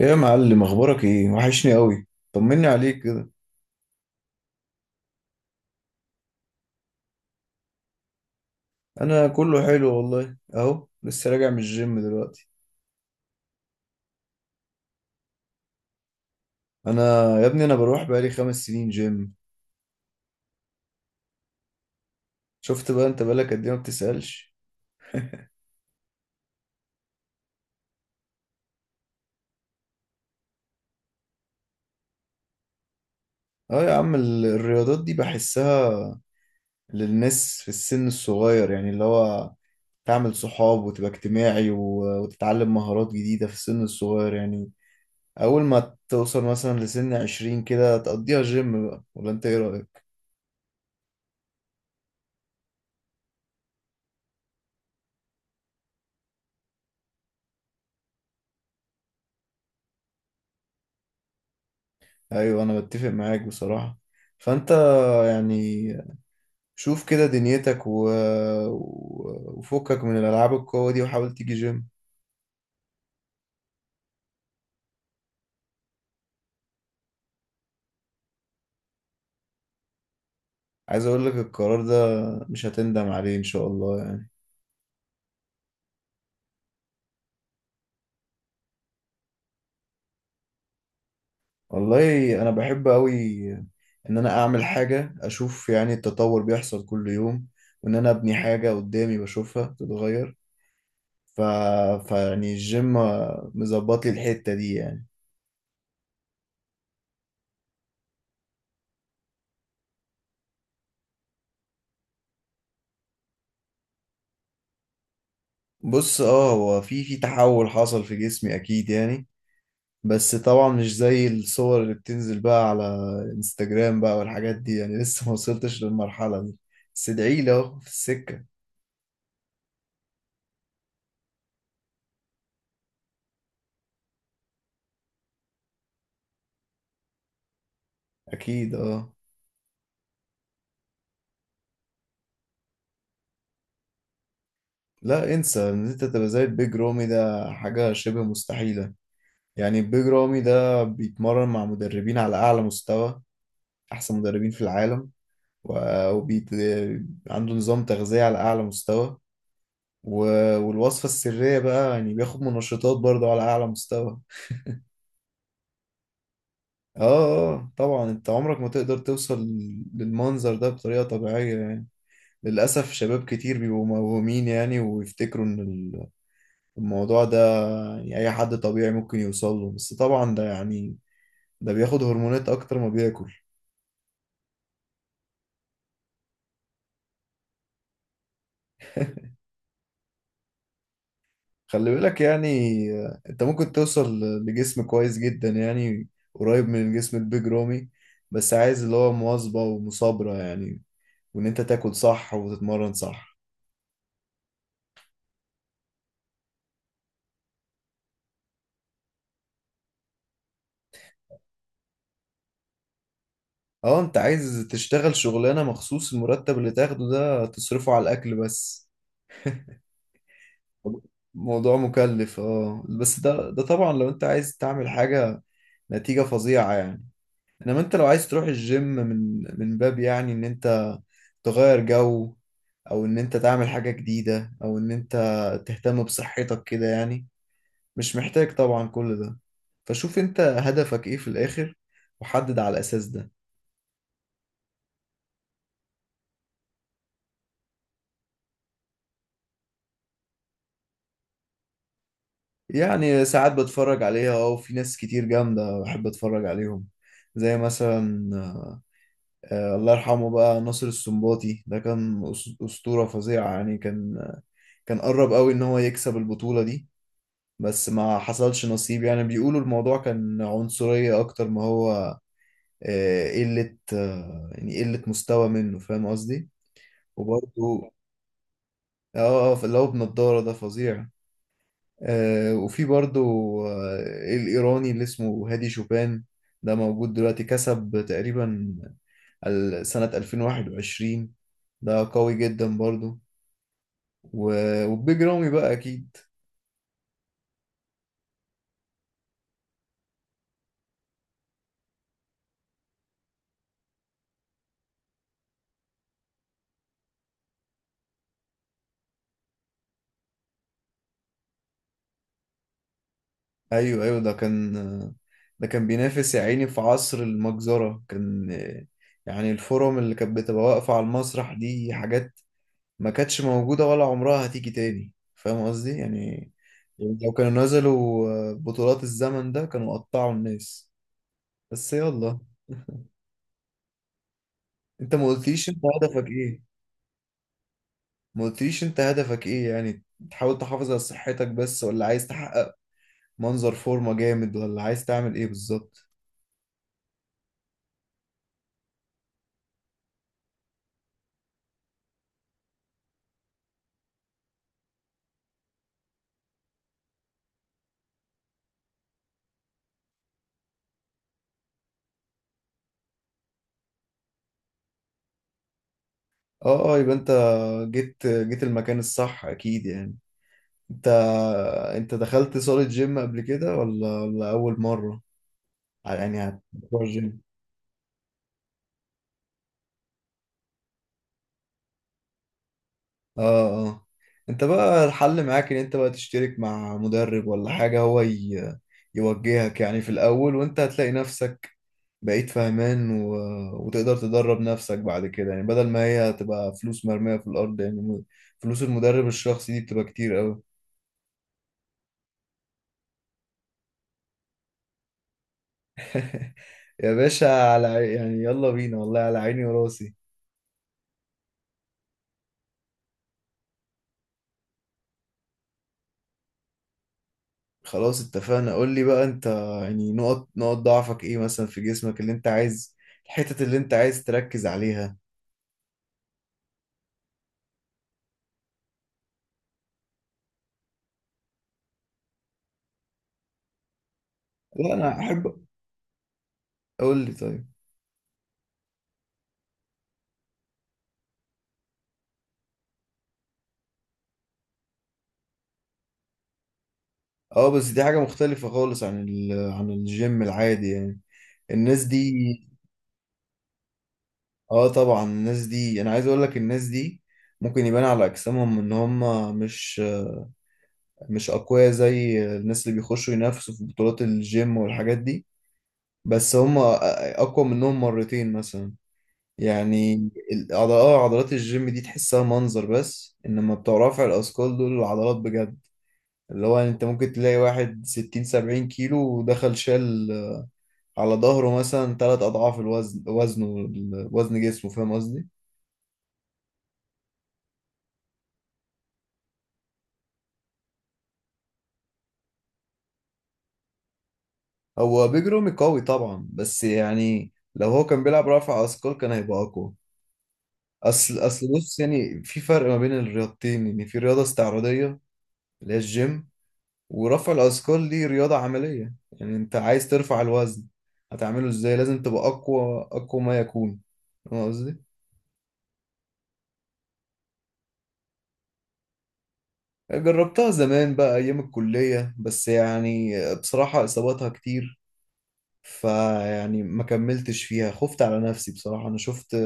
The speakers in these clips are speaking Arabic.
يا معلم، اخبارك ايه؟ وحشني قوي. طمني عليك كده. انا كله حلو والله، اهو لسه راجع من الجيم دلوقتي. انا يا ابني انا بروح بقالي 5 سنين جيم. شفت بقى؟ انت بقالك قد ايه ما بتسألش؟ اه يا عم، الرياضات دي بحسها للناس في السن الصغير يعني، اللي هو تعمل صحاب وتبقى اجتماعي وتتعلم مهارات جديدة في السن الصغير يعني. اول ما توصل مثلا لسن 20 كده تقضيها جيم بقى، ولا انت ايه رأيك؟ ايوه انا بتفق معاك بصراحة. فانت يعني شوف كده دنيتك وفكك من الالعاب القوة دي وحاول تيجي جيم. عايز اقول لك القرار ده مش هتندم عليه ان شاء الله يعني. والله انا بحب قوي ان انا اعمل حاجة، اشوف يعني التطور بيحصل كل يوم، وان انا ابني حاجة قدامي بشوفها تتغير. ف... فيعني الجيم مظبط لي الحتة دي يعني. بص، اه هو في تحول حصل في جسمي اكيد يعني. بس طبعا مش زي الصور اللي بتنزل بقى على انستجرام بقى والحاجات دي يعني، لسه ما وصلتش للمرحلة دي. بس ادعي لي، اهو في السكة. اكيد، اه. لا انسى ان انت تبقى زي البيج رامي، ده حاجة شبه مستحيلة يعني. البيج رامي ده بيتمرن مع مدربين على اعلى مستوى، احسن مدربين في العالم، وبيت عنده نظام تغذية على اعلى مستوى، والوصفة السرية بقى يعني بياخد منشطات برضه على اعلى مستوى. اه. آه، طبعا انت عمرك ما تقدر توصل للمنظر ده بطريقة طبيعية يعني. للأسف شباب كتير بيبقوا موهومين يعني، ويفتكروا ان الموضوع ده يعني اي حد طبيعي ممكن يوصل له، بس طبعا ده يعني ده بياخد هرمونات اكتر ما بياكل. خلي بالك يعني، آه، انت ممكن توصل لجسم كويس جدا يعني، قريب من الجسم البيج رامي، بس عايز اللي هو مواظبة ومصابرة يعني، وان انت تاكل صح وتتمرن صح. اه، انت عايز تشتغل شغلانة مخصوص المرتب اللي تاخده ده تصرفه على الأكل بس؟ موضوع مكلف اه، بس ده طبعا لو انت عايز تعمل حاجة نتيجة فظيعة يعني. انما انت لو عايز تروح الجيم من باب يعني ان انت تغير جو، او ان انت تعمل حاجة جديدة، او ان انت تهتم بصحتك كده يعني، مش محتاج طبعا كل ده. فشوف انت هدفك ايه في الآخر، وحدد على الأساس ده. يعني ساعات بتفرج عليها اه، وفي ناس كتير جامدة بحب اتفرج عليهم، زي مثلا آه، الله يرحمه بقى ناصر السنباطي، ده كان أسطورة فظيعة يعني، كان قرب قوي ان هو يكسب البطولة دي بس ما حصلش نصيب. يعني بيقولوا الموضوع كان عنصرية اكتر ما هو آه، قلة، آه، يعني قلة مستوى منه، فاهم قصدي؟ وبرضه اه آه، اللي هو بنضارة ده فظيع. آه، وفي برضو آه، الإيراني اللي اسمه هادي شوبان، ده موجود دلوقتي، كسب تقريبا سنة 2021، ده قوي جدا برضو. وبيج رامي بقى أكيد. أيوه أيوه، ده كان آه، ده كان بينافس يا عيني في عصر المجزرة، كان آه، يعني الفورم اللي كانت بتبقى واقفة على المسرح دي حاجات ما كانتش موجودة ولا عمرها هتيجي تاني، فاهم قصدي يعني؟ يعني لو كانوا نزلوا آه، بطولات الزمن ده كانوا قطعوا الناس. بس يلا، انت ما قلتليش انت هدفك ايه. ما قلتليش انت هدفك ايه يعني، تحاول تحافظ على صحتك بس، ولا عايز تحقق منظر فورمة جامد، ولا عايز تعمل ايه بالظبط؟ اه اه، يبقى انت جيت المكان الصح اكيد يعني. انت انت دخلت صالة جيم قبل كده ولا اول مرة يعني؟ هتروح الجيم اه اه. انت بقى الحل معاك ان انت بقى تشترك مع مدرب ولا حاجة، هو يوجهك يعني في الاول، وانت هتلاقي نفسك بقيت فاهمان وتقدر تدرب نفسك بعد كده يعني، بدل ما هي هتبقى فلوس مرمية في الارض يعني. فلوس المدرب الشخصي دي بتبقى كتير قوي. يا باشا، يعني يلا بينا والله، على عيني وراسي. خلاص اتفقنا، قول لي بقى انت يعني نقط ضعفك ايه مثلا في جسمك، اللي انت عايز، الحتت اللي انت عايز تركز عليها. لا انا احب، قول لي طيب. اه بس دي حاجة مختلفة خالص عن عن الجيم العادي يعني، الناس دي. اه طبعا الناس دي، انا عايز اقول لك، الناس دي ممكن يبان على اجسامهم ان هم مش مش اقوياء زي الناس اللي بيخشوا ينافسوا في بطولات الجيم والحاجات دي، بس هم اقوى منهم مرتين مثلا يعني. اه عضلات الجيم دي تحسها منظر بس، انما بتوع رفع الاثقال دول العضلات بجد، اللي هو انت ممكن تلاقي واحد 60 70 كيلو ودخل شال على ظهره مثلا تلات أضعاف الوزن، وزنه، وزن جسمه، فاهم قصدي؟ هو بيج رامي قوي طبعا، بس يعني لو هو كان بيلعب رفع أثقال كان هيبقى أقوى. أصل بص يعني، في فرق ما بين الرياضتين يعني، في رياضة استعراضية اللي هي الجيم، ورفع الأثقال دي رياضة عملية يعني، أنت عايز ترفع الوزن، هتعمله إزاي؟ لازم تبقى أقوى أقوى ما يكون، فاهم قصدي؟ جربتها زمان بقى أيام الكلية، بس يعني بصراحة إصاباتها كتير، فيعني ما كملتش فيها، خفت على نفسي بصراحة. أنا شفت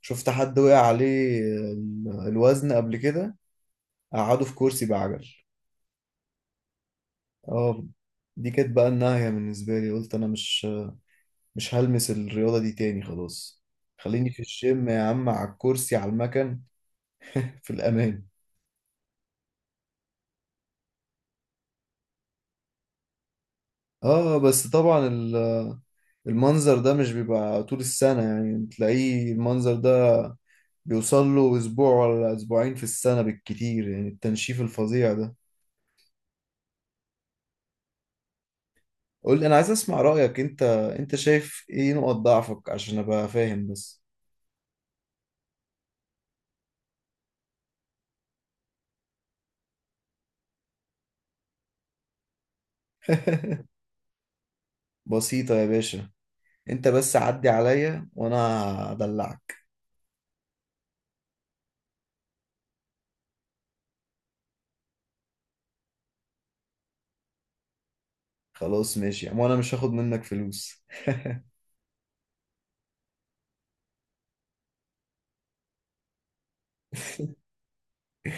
شفت حد وقع عليه الوزن قبل كده قعده في كرسي بعجل. اه، دي كانت بقى النهاية بالنسبة لي، قلت أنا مش هلمس الرياضة دي تاني خلاص، خليني في الجيم يا عم، على الكرسي على المكن، في الأمان. اه بس طبعا المنظر ده مش بيبقى طول السنة يعني، تلاقيه المنظر ده بيوصل له أسبوع ولا أسبوعين في السنة بالكتير، يعني التنشيف الفظيع ده. قول لي، انا عايز اسمع رأيك، انت انت شايف ايه نقط ضعفك عشان ابقى فاهم بس؟ بسيطة يا باشا، انت بس عدي عليا وانا هدلعك. خلاص ماشي يا عم، وانا مش هاخد منك فلوس.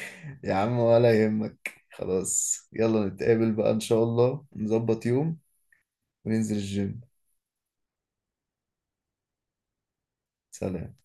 يا عم ولا يهمك، خلاص يلا نتقابل بقى ان شاء الله، نظبط يوم وننزل الجيم. سلام.